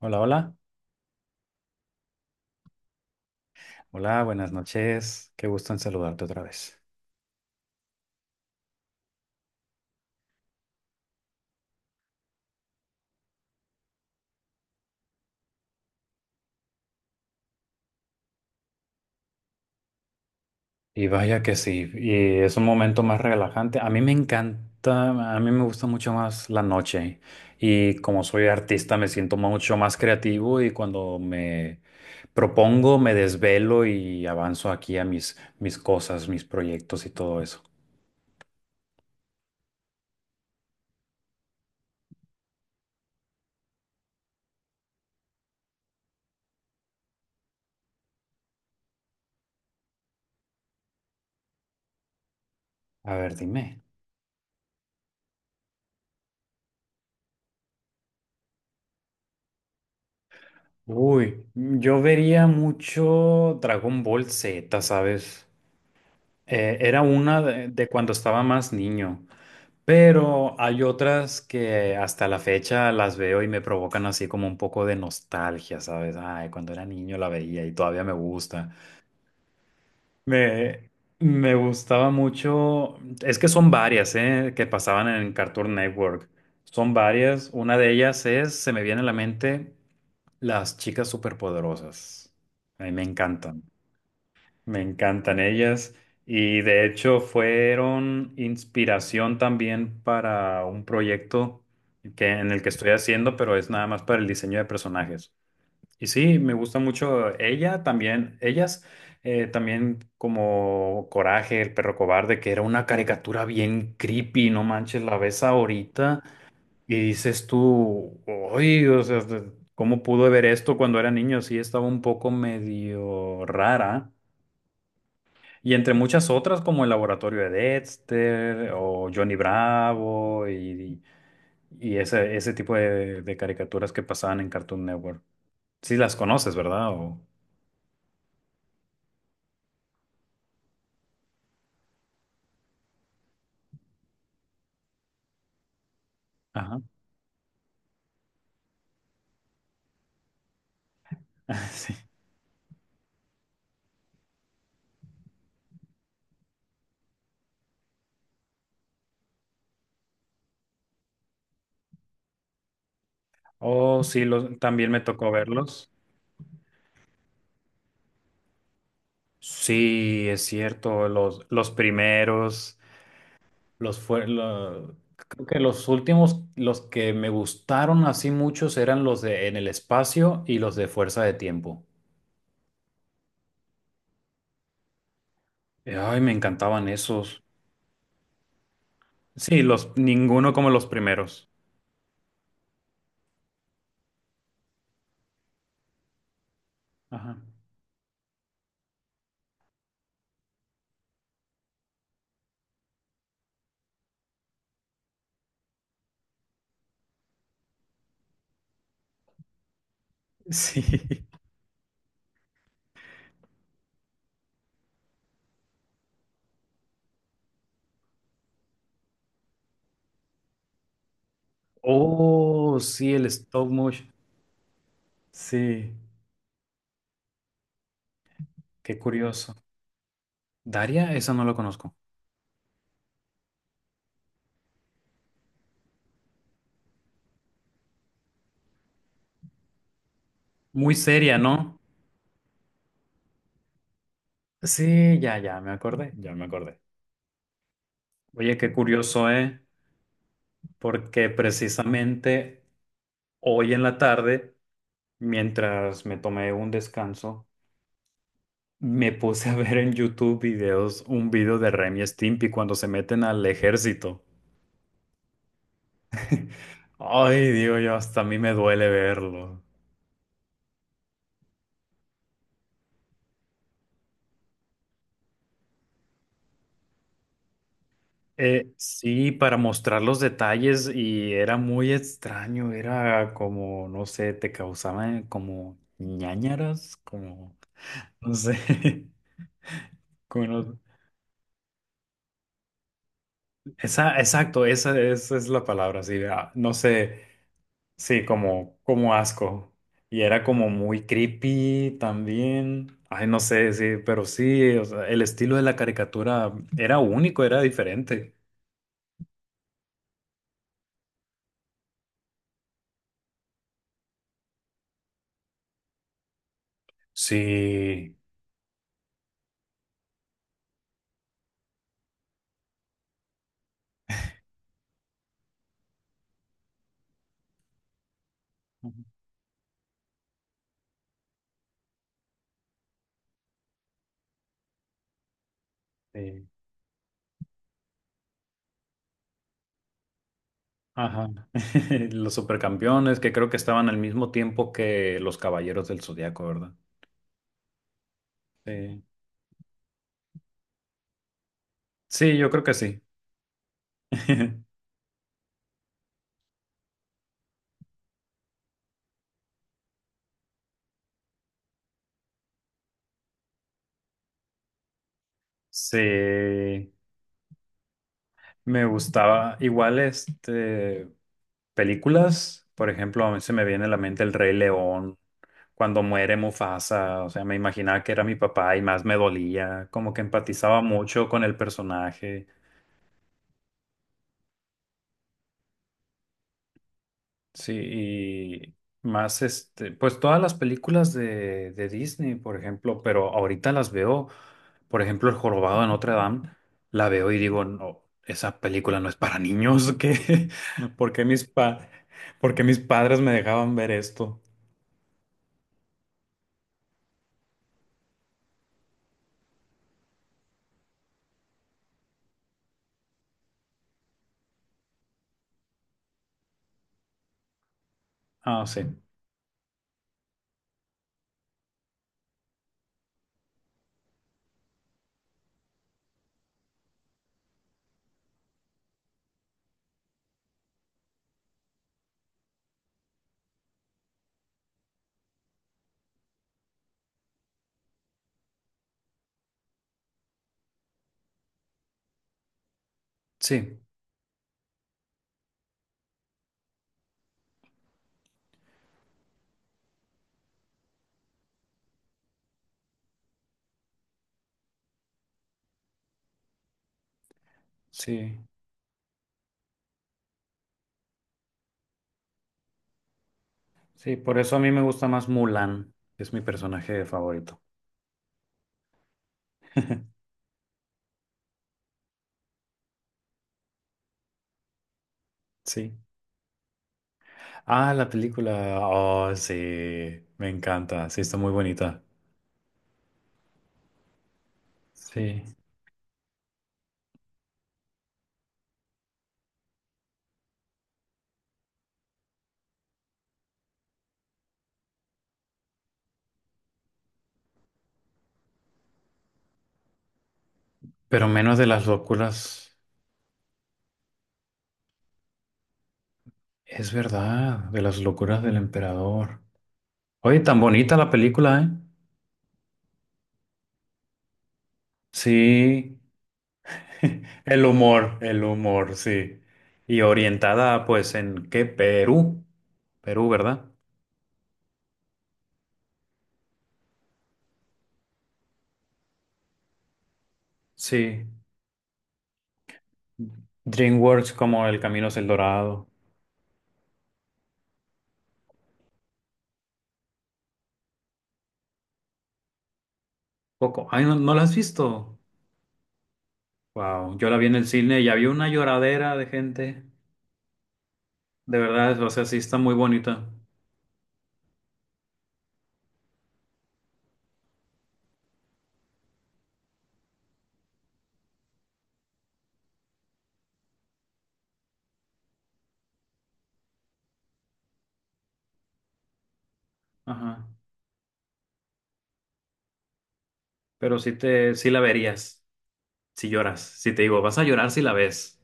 Hola, hola. Hola, buenas noches. Qué gusto en saludarte otra vez. Y vaya que sí, y es un momento más relajante. A mí me encanta, a mí me gusta mucho más la noche. Y como soy artista, me siento mucho más creativo y cuando me propongo, me desvelo y avanzo aquí a mis cosas, mis proyectos y todo eso. A ver, dime. Uy, yo vería mucho Dragon Ball Z, ¿sabes? Era una de cuando estaba más niño. Pero hay otras que hasta la fecha las veo y me provocan así como un poco de nostalgia, ¿sabes? Ay, cuando era niño la veía y todavía me gusta. Me, me gustaba mucho, es que son varias, ¿eh? Que pasaban en Cartoon Network. Son varias. Una de ellas es, se me viene a la mente, Las chicas superpoderosas. A mí me encantan. Me encantan ellas y de hecho fueron inspiración también para un proyecto en el que estoy haciendo, pero es nada más para el diseño de personajes. Y sí, me gusta mucho ella también, ellas también como Coraje, el perro cobarde, que era una caricatura bien creepy, no manches, la ves ahorita y dices tú, oye, o sea, ¿cómo pudo ver esto cuando era niño? Sí, estaba un poco medio rara. Y entre muchas otras como El Laboratorio de Dexter o Johnny Bravo y ese tipo de caricaturas que pasaban en Cartoon Network. Sí las conoces, ¿verdad? O, ajá, sí. Oh, sí, también me tocó verlos. Sí, es cierto, los primeros, creo que los últimos, los que me gustaron así muchos eran los de En el Espacio y los de Fuerza de Tiempo. Ay, me encantaban esos. Sí, ninguno como los primeros. Ajá. Sí. Oh, sí, el stop motion. Sí, qué curioso. Daria, esa no la conozco. Muy seria, ¿no? Sí, ya, ya, me acordé, ya me acordé. Oye, qué curioso, ¿eh? Porque precisamente hoy en la tarde, mientras me tomé un descanso, me puse a ver en YouTube videos, un video de Remy Stimpy cuando se meten al ejército. Ay, digo yo, hasta a mí me duele verlo. Sí, para mostrar los detalles y era muy extraño, era como, no sé, te causaban como ñáñaras, como, no sé, como, no- esa, exacto, esa es la palabra, sí, ah, no sé, sí, como asco. Y era como muy creepy también. Ay, no sé, sí, pero sí, o sea, el estilo de la caricatura era único, era diferente. Sí, sí, ajá. Los supercampeones que creo que estaban al mismo tiempo que los Caballeros del Zodiaco, ¿verdad? Sí. Sí, yo creo que sí. Sí, me gustaba. Igual, películas, por ejemplo, a mí se me viene a la mente El Rey León, cuando muere Mufasa, o sea, me imaginaba que era mi papá y más me dolía, como que empatizaba mucho con el personaje. Sí, y más pues todas las películas de Disney, por ejemplo, pero ahorita las veo, por ejemplo, El Jorobado de Notre Dame, la veo y digo, no, esa película no es para niños, ¿qué? ¿Por qué mis pa- por qué mis padres me dejaban ver esto? Ah, sí, sí, sí, sí, por eso a mí me gusta más Mulan, que es mi personaje favorito. Sí. Ah, la película, oh, sí, me encanta, sí, está muy bonita. Sí. Pero menos de las locuras, es verdad, de las locuras del emperador. Oye, tan bonita la película, ¿eh? Sí, el humor, sí. Y orientada, pues, ¿en qué? Perú. Perú, ¿verdad? Sí. DreamWorks como El Camino es el Dorado. Coco. Ay, ¿no, no la has visto? Wow, yo la vi en el cine y había una lloradera de gente. De verdad, o sea, sí está muy bonita. Ajá. Pero sí la verías. Si lloras, si te digo, vas a llorar si la ves.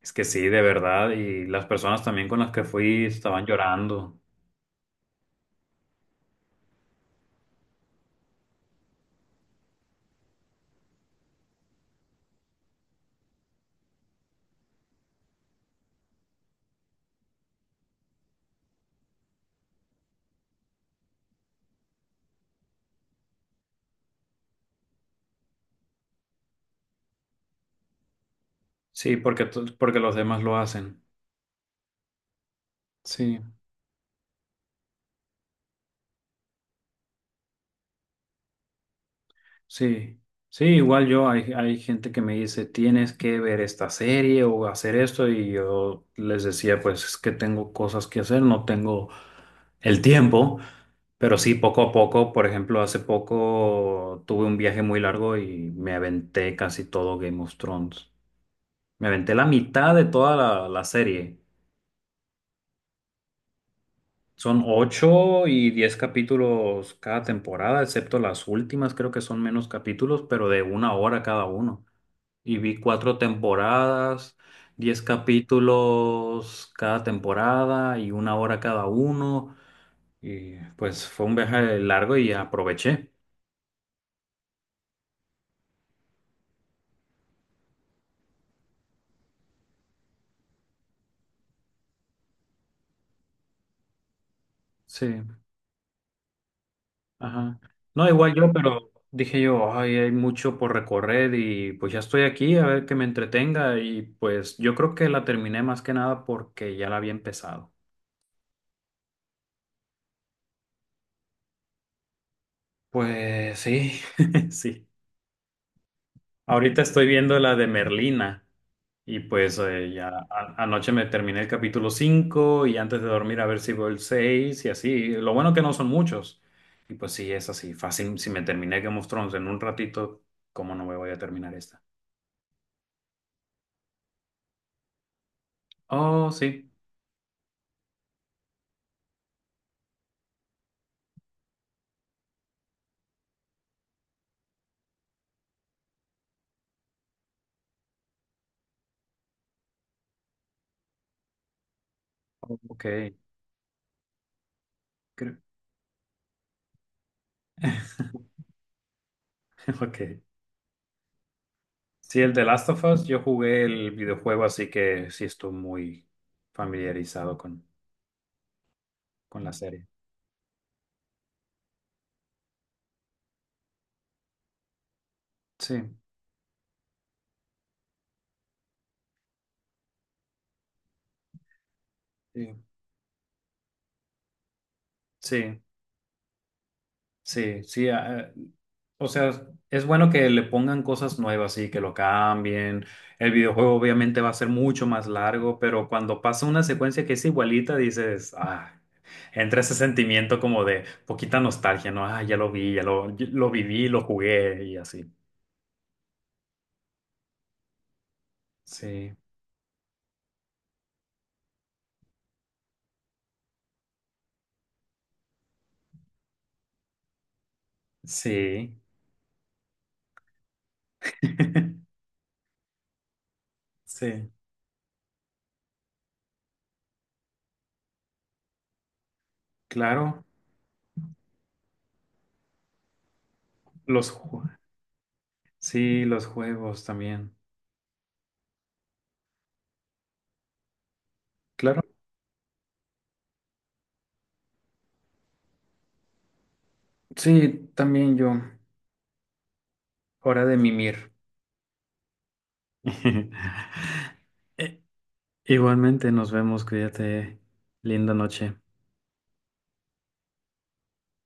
Es que sí, de verdad, y las personas también con las que fui estaban llorando. Sí, porque los demás lo hacen. Sí, sí. Sí, igual yo, hay gente que me dice, tienes que ver esta serie o hacer esto, y yo les decía, pues es que tengo cosas que hacer, no tengo el tiempo, pero sí, poco a poco, por ejemplo, hace poco tuve un viaje muy largo y me aventé casi todo Game of Thrones. Me aventé la mitad de toda la serie. Son ocho y 10 capítulos cada temporada, excepto las últimas, creo que son menos capítulos, pero de una hora cada uno. Y vi cuatro temporadas, 10 capítulos cada temporada y una hora cada uno. Y pues fue un viaje largo y aproveché. Sí. Ajá. No, igual yo, pero dije yo, ay, hay mucho por recorrer y pues ya estoy aquí, a ver que me entretenga y pues yo creo que la terminé más que nada porque ya la había empezado. Pues sí, sí. Ahorita estoy viendo la de Merlina y pues ya anoche me terminé el capítulo 5 y antes de dormir a ver si veo el 6 y así. Lo bueno que no son muchos. Y pues sí, es así, fácil. Si me terminé Game of Thrones en un ratito, ¿cómo no me voy a terminar esta? Oh, sí. Ok, creo- ok. Sí, el de Last of Us, yo jugué el videojuego, así que sí estoy muy familiarizado con la serie. Sí, sí, sí, sí, sí. O sea, es bueno que le pongan cosas nuevas y que lo cambien. El videojuego obviamente va a ser mucho más largo, pero cuando pasa una secuencia que es igualita, dices, ah, entra ese sentimiento como de poquita nostalgia, ¿no? Ah, ya lo vi, ya lo viví, lo jugué y así. Sí. Sí, sí, claro. Los, ju- sí, los juegos también. Claro. Sí, también yo. Hora de mimir. Eh, Igualmente nos vemos, cuídate. Linda noche.